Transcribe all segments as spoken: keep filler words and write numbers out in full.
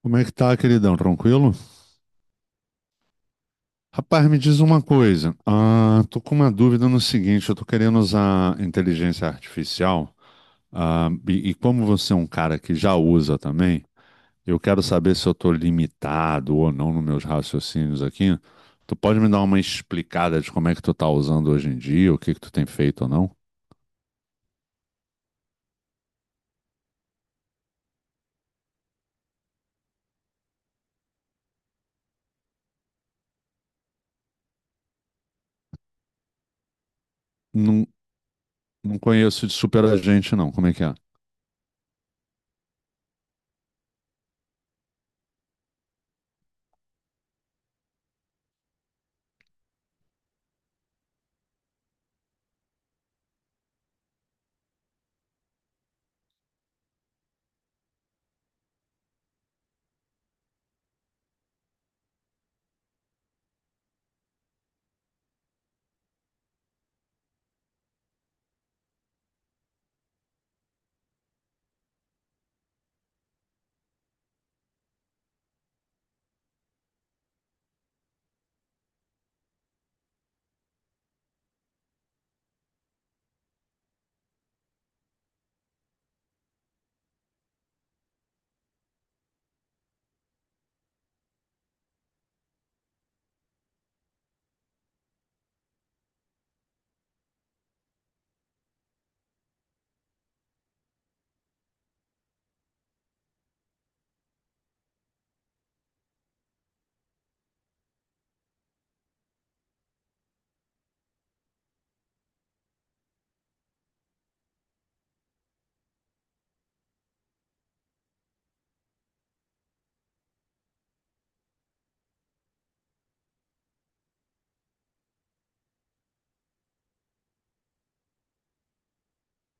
Como é que tá, queridão? Tranquilo? Rapaz, me diz uma coisa. Ah, tô com uma dúvida no seguinte: eu tô querendo usar inteligência artificial, ah, e, e como você é um cara que já usa também, eu quero saber se eu tô limitado ou não nos meus raciocínios aqui. Tu pode me dar uma explicada de como é que tu tá usando hoje em dia, o que que tu tem feito ou não? Não, não conheço de superagente não. Como é que é?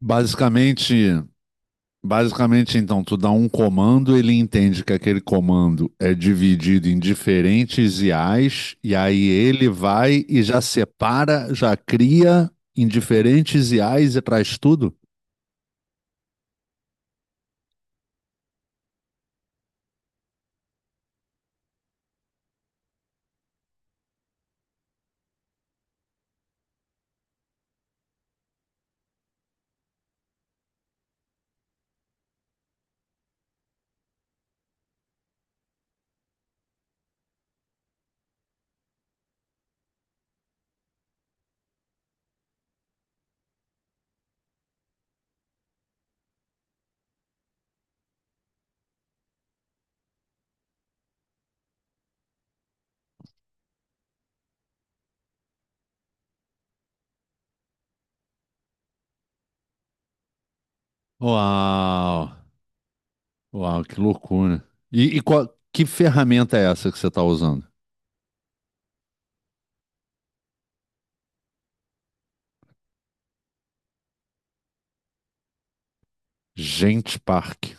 Basicamente. Basicamente, então, tu dá um comando, ele entende que aquele comando é dividido em diferentes I As, e aí ele vai e já separa, já cria em diferentes I As e traz tudo? Uau! Uau, que loucura! E, e qual- que ferramenta é essa que você está usando? Gente Park.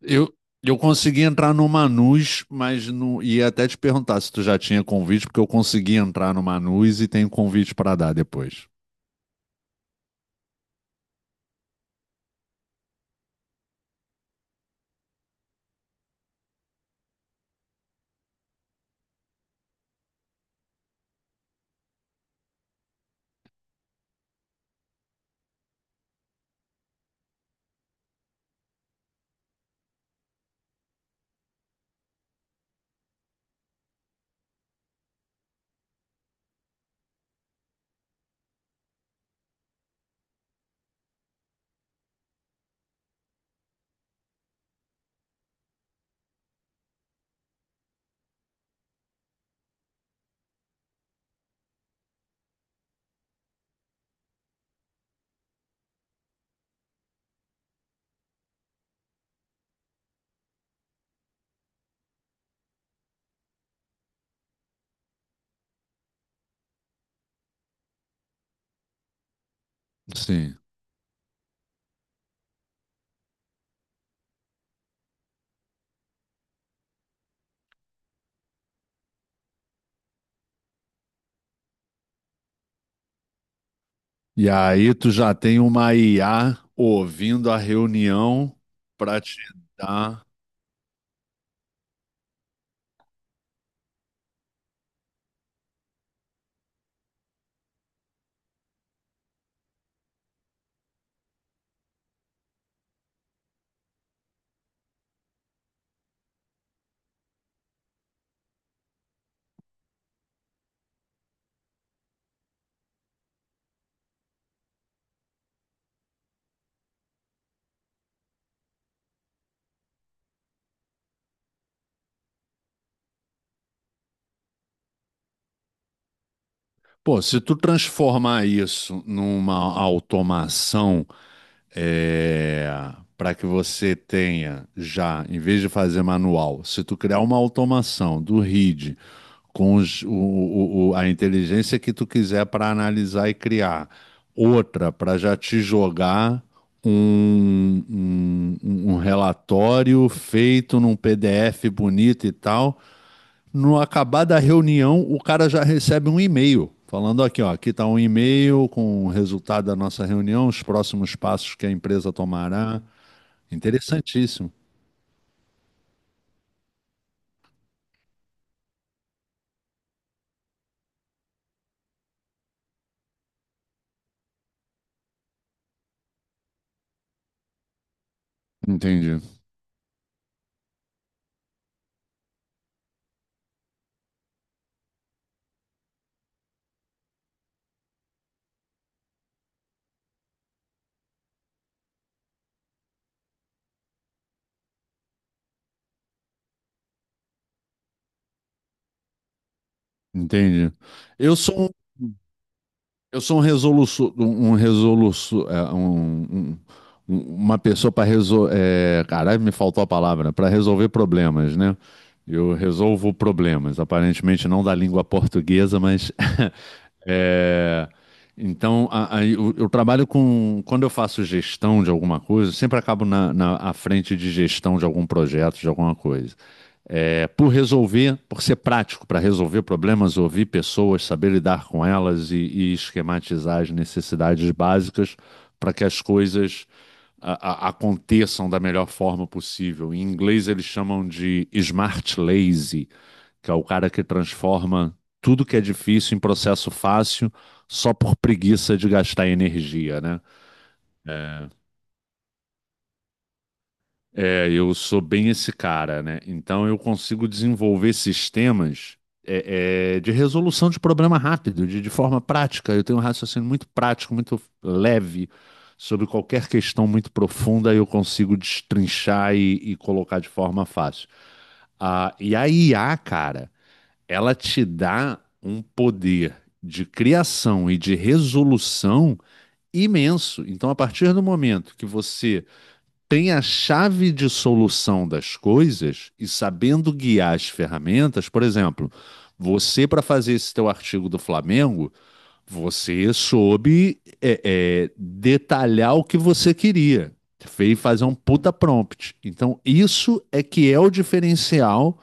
Eu, eu consegui entrar no Manus, mas não ia até te perguntar se tu já tinha convite, porque eu consegui entrar no Manus e tenho convite para dar depois. Sim. E aí tu já tem uma I A ouvindo a reunião para te dar. Pô, se tu transformar isso numa automação, é, para que você tenha já, em vez de fazer manual, se tu criar uma automação do R I D com os- o- o- o- a inteligência que tu quiser para analisar e criar, outra para já te jogar um, um um um relatório feito num P D F bonito e tal. No acabar da reunião, o cara já recebe um e-mail falando aqui, ó, aqui está um e-mail com o resultado da nossa reunião, os próximos passos que a empresa tomará. Interessantíssimo. Entendi, entendi. Eu sou Eu sou um resoluço, um, um resoluço, é, um- um- um- uma pessoa para resolver, caralho, me faltou a palavra, para resolver problemas, né? Eu resolvo problemas, aparentemente não da língua portuguesa, mas é, então a- a- eu, eu trabalho com, quando eu faço gestão de alguma coisa, eu sempre acabo na, na à frente de gestão de algum projeto, de alguma coisa é, por resolver, por ser prático para resolver problemas, ouvir pessoas, saber lidar com elas e, e esquematizar as necessidades básicas para que as coisas a- a- aconteçam da melhor forma possível. Em inglês eles chamam de smart lazy, que é o cara que transforma tudo que é difícil em processo fácil só por preguiça de gastar energia, né? É, É, eu sou bem esse cara, né? Então eu consigo desenvolver sistemas é, é, de resolução de problema rápido, de, de forma prática. Eu tenho um raciocínio muito prático, muito leve sobre qualquer questão muito profunda. Eu consigo destrinchar e, e colocar de forma fácil. Ah, e a I A, cara, ela te dá um poder de criação e de resolução imenso. Então, a partir do momento que você tem a chave de solução das coisas e sabendo guiar as ferramentas, por exemplo, você para fazer esse teu artigo do Flamengo, você soube é, é, detalhar o que você queria, fez fazer um puta prompt. Então isso é que é o diferencial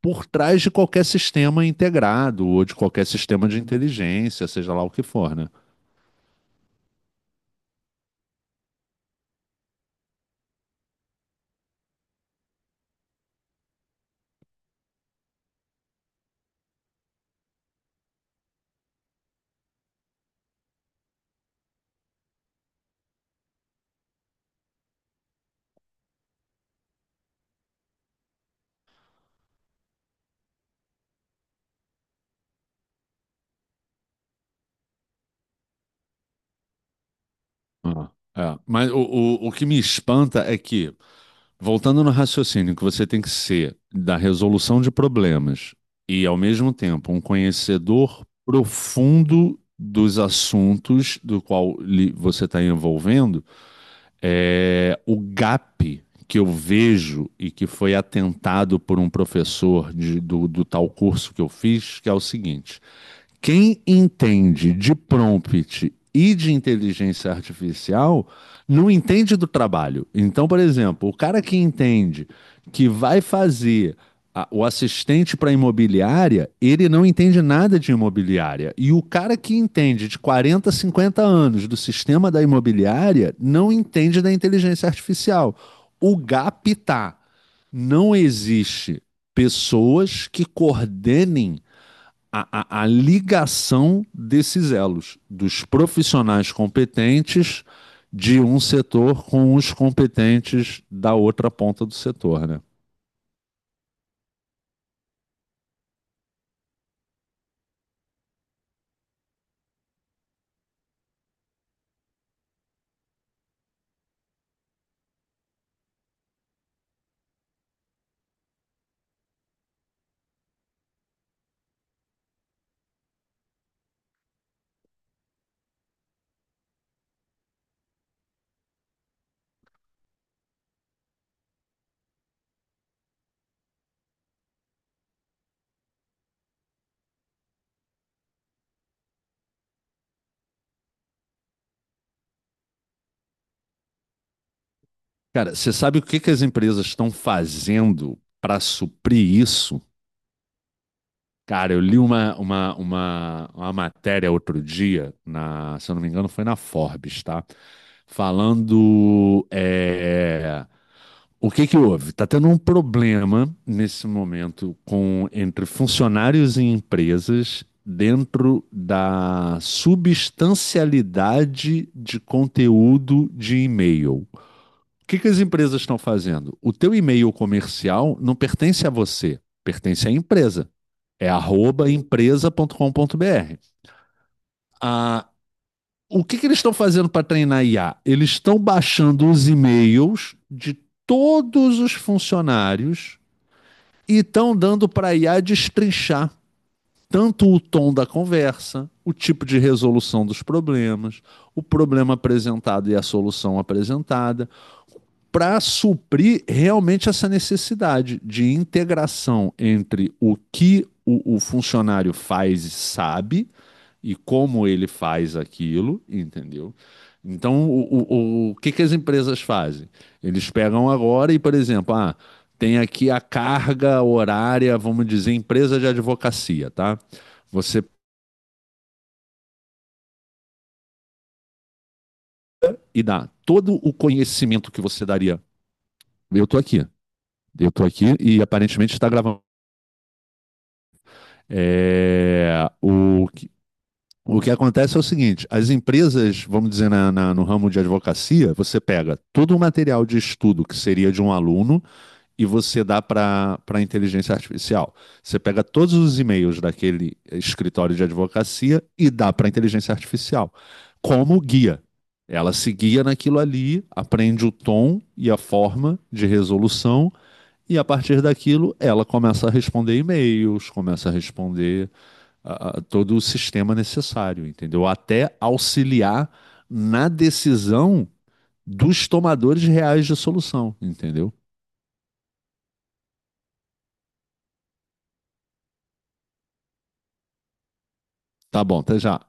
por trás de qualquer sistema integrado ou de qualquer sistema de inteligência, seja lá o que for, né? Ah, é. Mas o, o, o que me espanta é que, voltando no raciocínio, que você tem que ser da resolução de problemas e, ao mesmo tempo, um conhecedor profundo dos assuntos do qual li- você está envolvendo, é o gap que eu vejo e que foi atentado por um professor de- do, do tal curso que eu fiz, que é o seguinte: quem entende de prompt e de inteligência artificial não entende do trabalho. Então, por exemplo, o cara que entende que vai fazer a- o assistente para imobiliária, ele não entende nada de imobiliária. E o cara que entende de quarenta, cinquenta anos do sistema da imobiliária não entende da inteligência artificial. O gap tá. Não existe pessoas que coordenem a, a, a ligação desses elos, dos profissionais competentes de um setor com os competentes da outra ponta do setor, né? Cara, você sabe o que, que as empresas estão fazendo para suprir isso? Cara, eu li uma, uma, uma, uma matéria outro dia, na, se eu não me engano, foi na Forbes, tá? Falando é, o que que houve? Está tendo um problema nesse momento com, entre funcionários e empresas, dentro da substancialidade de conteúdo de e-mail. O que que as empresas estão fazendo? O teu e-mail comercial não pertence a você, pertence à empresa. É arroba empresa ponto com ponto b r. A o que que eles estão fazendo para treinar I A? Eles estão baixando os e-mails de todos os funcionários e estão dando para a I A destrinchar tanto o tom da conversa, o tipo de resolução dos problemas, o problema apresentado e a solução apresentada, para suprir realmente essa necessidade de integração entre o que o, o funcionário faz e sabe e como ele faz aquilo, entendeu? Então, o, o, o que, que as empresas fazem? Eles pegam agora e, por exemplo, ah, tem aqui a carga horária, vamos dizer, empresa de advocacia, tá? Você e dá todo o conhecimento que você daria. Eu tô aqui, eu tô aqui e aparentemente está gravando. É, o, que- o que acontece é o seguinte: as empresas, vamos dizer, na- na- no ramo de advocacia, você pega todo o material de estudo que seria de um aluno e você dá para para inteligência artificial. Você pega todos os e-mails daquele escritório de advocacia e dá para inteligência artificial como guia. Ela se guia naquilo ali, aprende o tom e a forma de resolução, e a partir daquilo ela começa a responder e-mails, começa a responder a- a- todo o sistema necessário, entendeu? Até auxiliar na decisão dos tomadores reais de solução, entendeu? Tá bom, até já.